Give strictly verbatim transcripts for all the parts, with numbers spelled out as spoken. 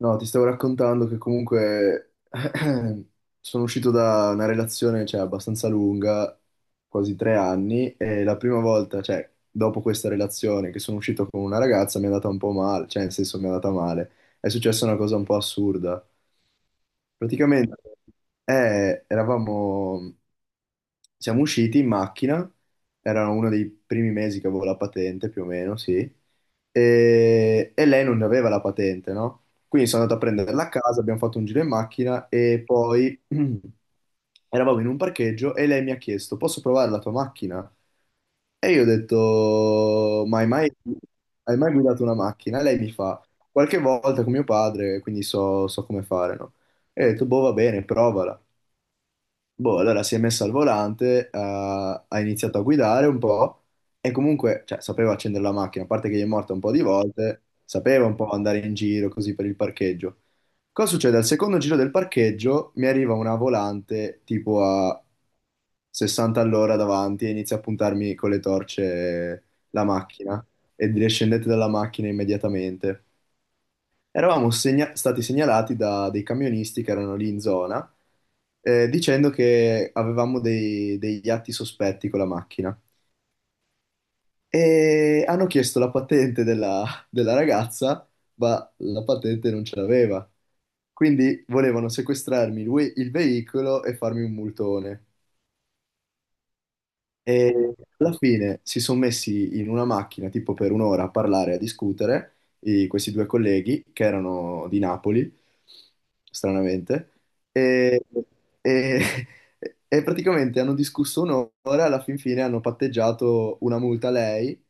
No, ti stavo raccontando che comunque sono uscito da una relazione, cioè, abbastanza lunga, quasi tre anni, e la prima volta, cioè, dopo questa relazione che sono uscito con una ragazza mi è andata un po' male, cioè, nel senso mi è andata male. È successa una cosa un po' assurda. Praticamente eh, eravamo, siamo usciti in macchina, era uno dei primi mesi che avevo la patente più o meno, sì, e, e lei non aveva la patente, no? Quindi sono andato a prenderla a casa, abbiamo fatto un giro in macchina e poi eravamo in un parcheggio e lei mi ha chiesto, posso provare la tua macchina? E io ho detto, ma hai mai, hai mai guidato una macchina? E lei mi fa, qualche volta con mio padre, quindi so, so come fare, no? E ho detto, boh, va bene, provala. Boh, allora si è messa al volante, ha ha iniziato a guidare un po' e comunque, cioè, sapeva accendere la macchina, a parte che gli è morta un po' di volte, sapeva un po' andare in giro così per il parcheggio. Cosa succede? Al secondo giro del parcheggio mi arriva una volante tipo a sessanta all'ora davanti e inizia a puntarmi con le torce la macchina e dire scendete dalla macchina immediatamente. Eravamo segna- stati segnalati da dei camionisti che erano lì in zona, eh, dicendo che avevamo dei- degli atti sospetti con la macchina. E hanno chiesto la patente della, della ragazza, ma la patente non ce l'aveva. Quindi volevano sequestrarmi lui- il veicolo e farmi un multone. E alla fine si sono messi in una macchina tipo per un'ora a parlare, a discutere, i- questi due colleghi che erano di Napoli, stranamente, e, e- e praticamente hanno discusso un'ora, alla fin fine hanno patteggiato una multa a lei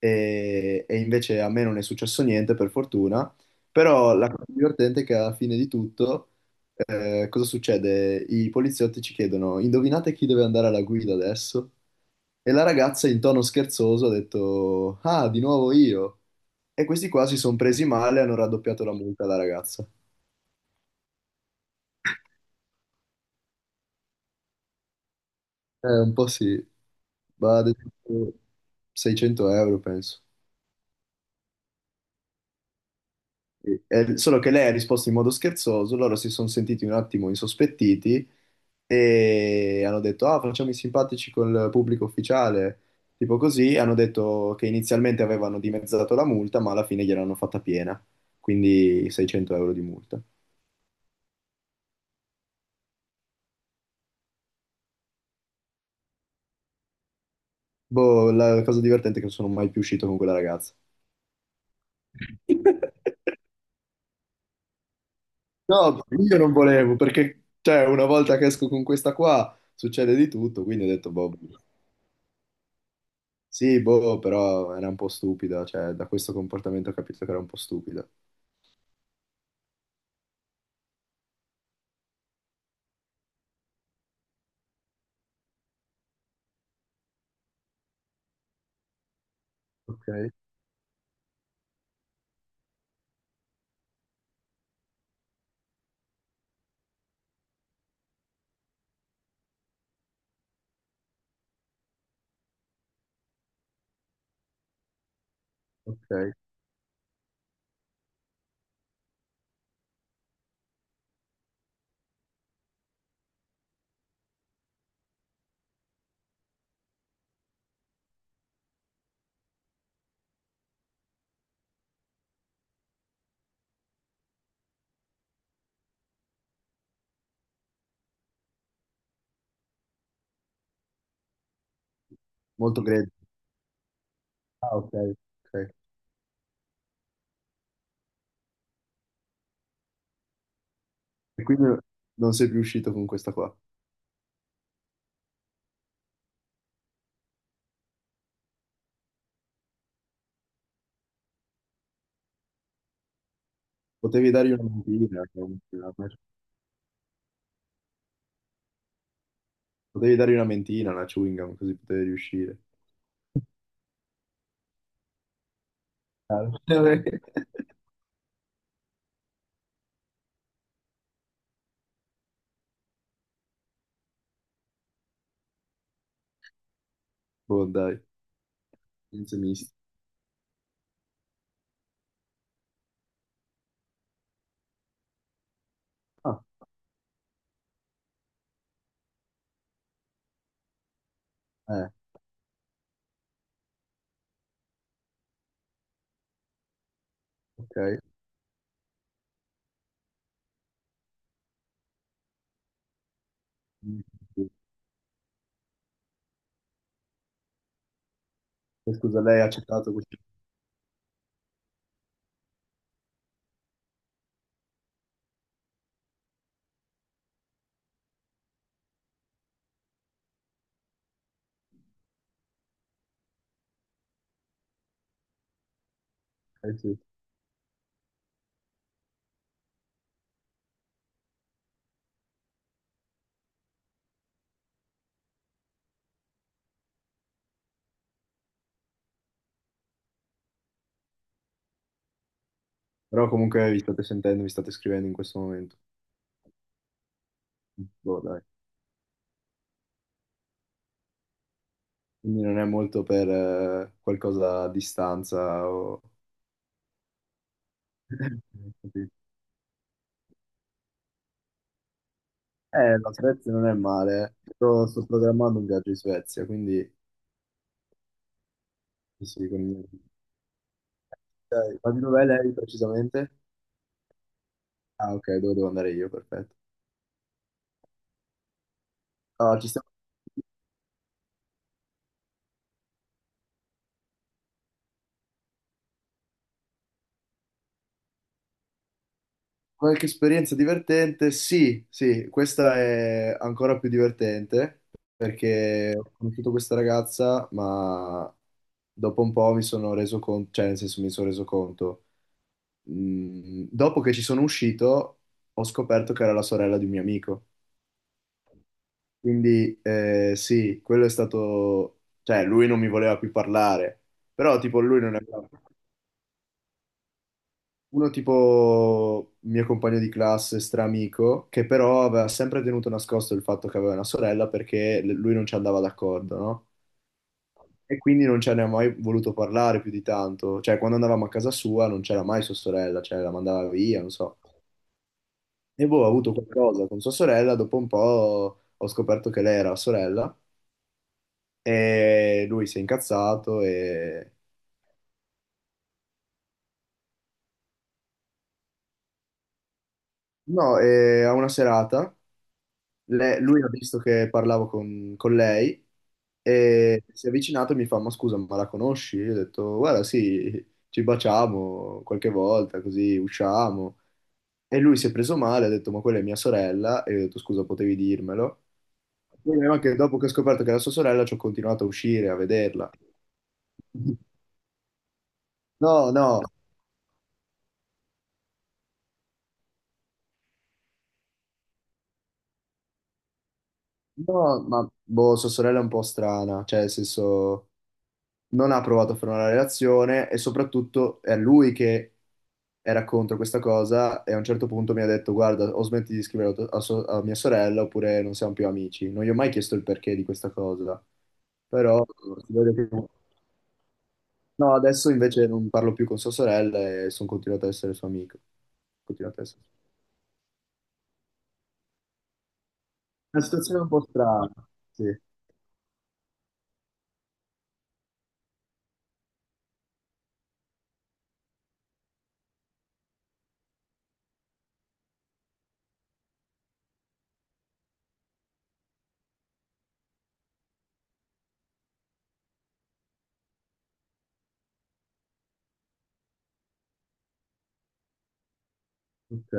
e, e invece a me non è successo niente per fortuna, però la cosa divertente è che alla fine di tutto eh, cosa succede? I poliziotti ci chiedono, indovinate chi deve andare alla guida adesso? E la ragazza in tono scherzoso ha detto, ah, di nuovo io. E questi qua si sono presi male e hanno raddoppiato la multa alla ragazza. Eh, un po' sì, ma ad esempio seicento euro penso. Eh, solo che lei ha risposto in modo scherzoso, loro si sono sentiti un attimo insospettiti e hanno detto: Ah, facciamo i simpatici col pubblico ufficiale. Tipo così, hanno detto che inizialmente avevano dimezzato la multa, ma alla fine gliel'hanno fatta piena, quindi seicento euro di multa. Boh, la cosa divertente è che non sono mai più uscito con quella ragazza. No, io non volevo, perché cioè, una volta che esco con questa qua succede di tutto, quindi ho detto, boh. Sì, boh, però era un po' stupida, cioè da questo comportamento ho capito che era un po' stupida. Ok, ok. Molto grezzo. Ah, ok, ok. E quindi non sei più uscito con questa qua. Potevi dargli una mentina, una- potevi dargli una mentina, una chewing gum, così potevi riuscire. Ah, vabbè. Boh, dai, senza misti. Ah, eh, ok. Eh, scusa, lei ha accettato questo. Eh, sì. Però comunque vi state sentendo, vi state scrivendo in questo momento. Boh, dai. Quindi non è molto per eh, qualcosa a distanza o... Capito? Eh, la Svezia non è male. Sto, sto programmando un viaggio in Svezia, quindi sì, sì, con il- dai, ma di dov'è lei precisamente? Ah, ok, dove devo andare io, perfetto. Ah, ci stiamo... Qualche esperienza divertente? Sì, sì, questa è ancora più divertente perché ho conosciuto questa ragazza, ma dopo un po' mi sono reso conto, cioè nel senso mi sono reso conto mh, dopo che ci sono uscito, ho scoperto che era la sorella di un mio amico. Quindi eh, sì, quello è stato... Cioè, lui non mi voleva più parlare, però tipo lui non aveva... Uno tipo mio compagno di classe, stramico, che però aveva sempre tenuto nascosto il fatto che aveva una sorella perché l- lui non ci andava d'accordo, no? E quindi non ce ne ha mai voluto parlare più di tanto. Cioè, quando andavamo a casa sua non c'era mai sua sorella, cioè la mandava via, non so. E boh, ho avuto qualcosa con sua sorella, dopo un po' ho scoperto che lei era sorella e lui si è incazzato e... No, e a una serata Le- lui ha visto che parlavo con, con lei e si è avvicinato e mi fa: Ma scusa, ma la conosci? Io ho detto: Guarda, sì, ci baciamo qualche volta, così usciamo. E lui si è preso male, ha detto: Ma quella è mia sorella. E io ho detto: Scusa, potevi dirmelo. Il problema è che dopo che ho scoperto che era sua sorella, ci ho continuato a uscire, a vederla. No, no. No, ma boh, sua sorella è un po' strana, cioè nel senso non ha provato a fare una relazione e soprattutto è lui che era contro questa cosa e a un certo punto mi ha detto guarda o smetti di scrivere a, tua- a so- a mia sorella oppure non siamo più amici. Non gli ho mai chiesto il perché di questa cosa, però si vede che... No, adesso invece non parlo più con sua sorella e sono continuato ad essere suo amico. Continuato ad essere... Una situazione un po' strana, sì. Ok,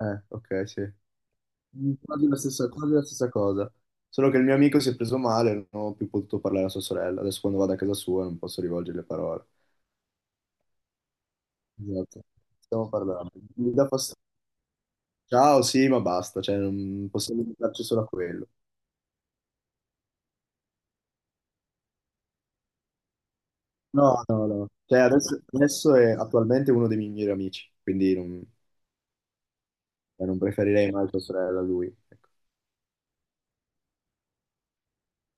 eh, ok, sì. Mm, quasi la stessa, quasi la stessa cosa. Solo che il mio amico si è preso male, non ho più potuto parlare a sua sorella. Adesso quando vado a casa sua non posso rivolgere le parole. Esatto. Stiamo parlando. Mi dà fastidio. Ciao, sì, ma basta, cioè non possiamo limitarci solo a quello. No, no, no. Cioè, adesso, adesso è attualmente uno dei miei migliori amici, quindi non, eh, non preferirei mai tua sorella a lui. Ecco.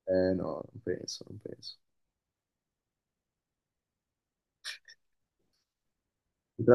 Eh no, non penso, non penso. Tra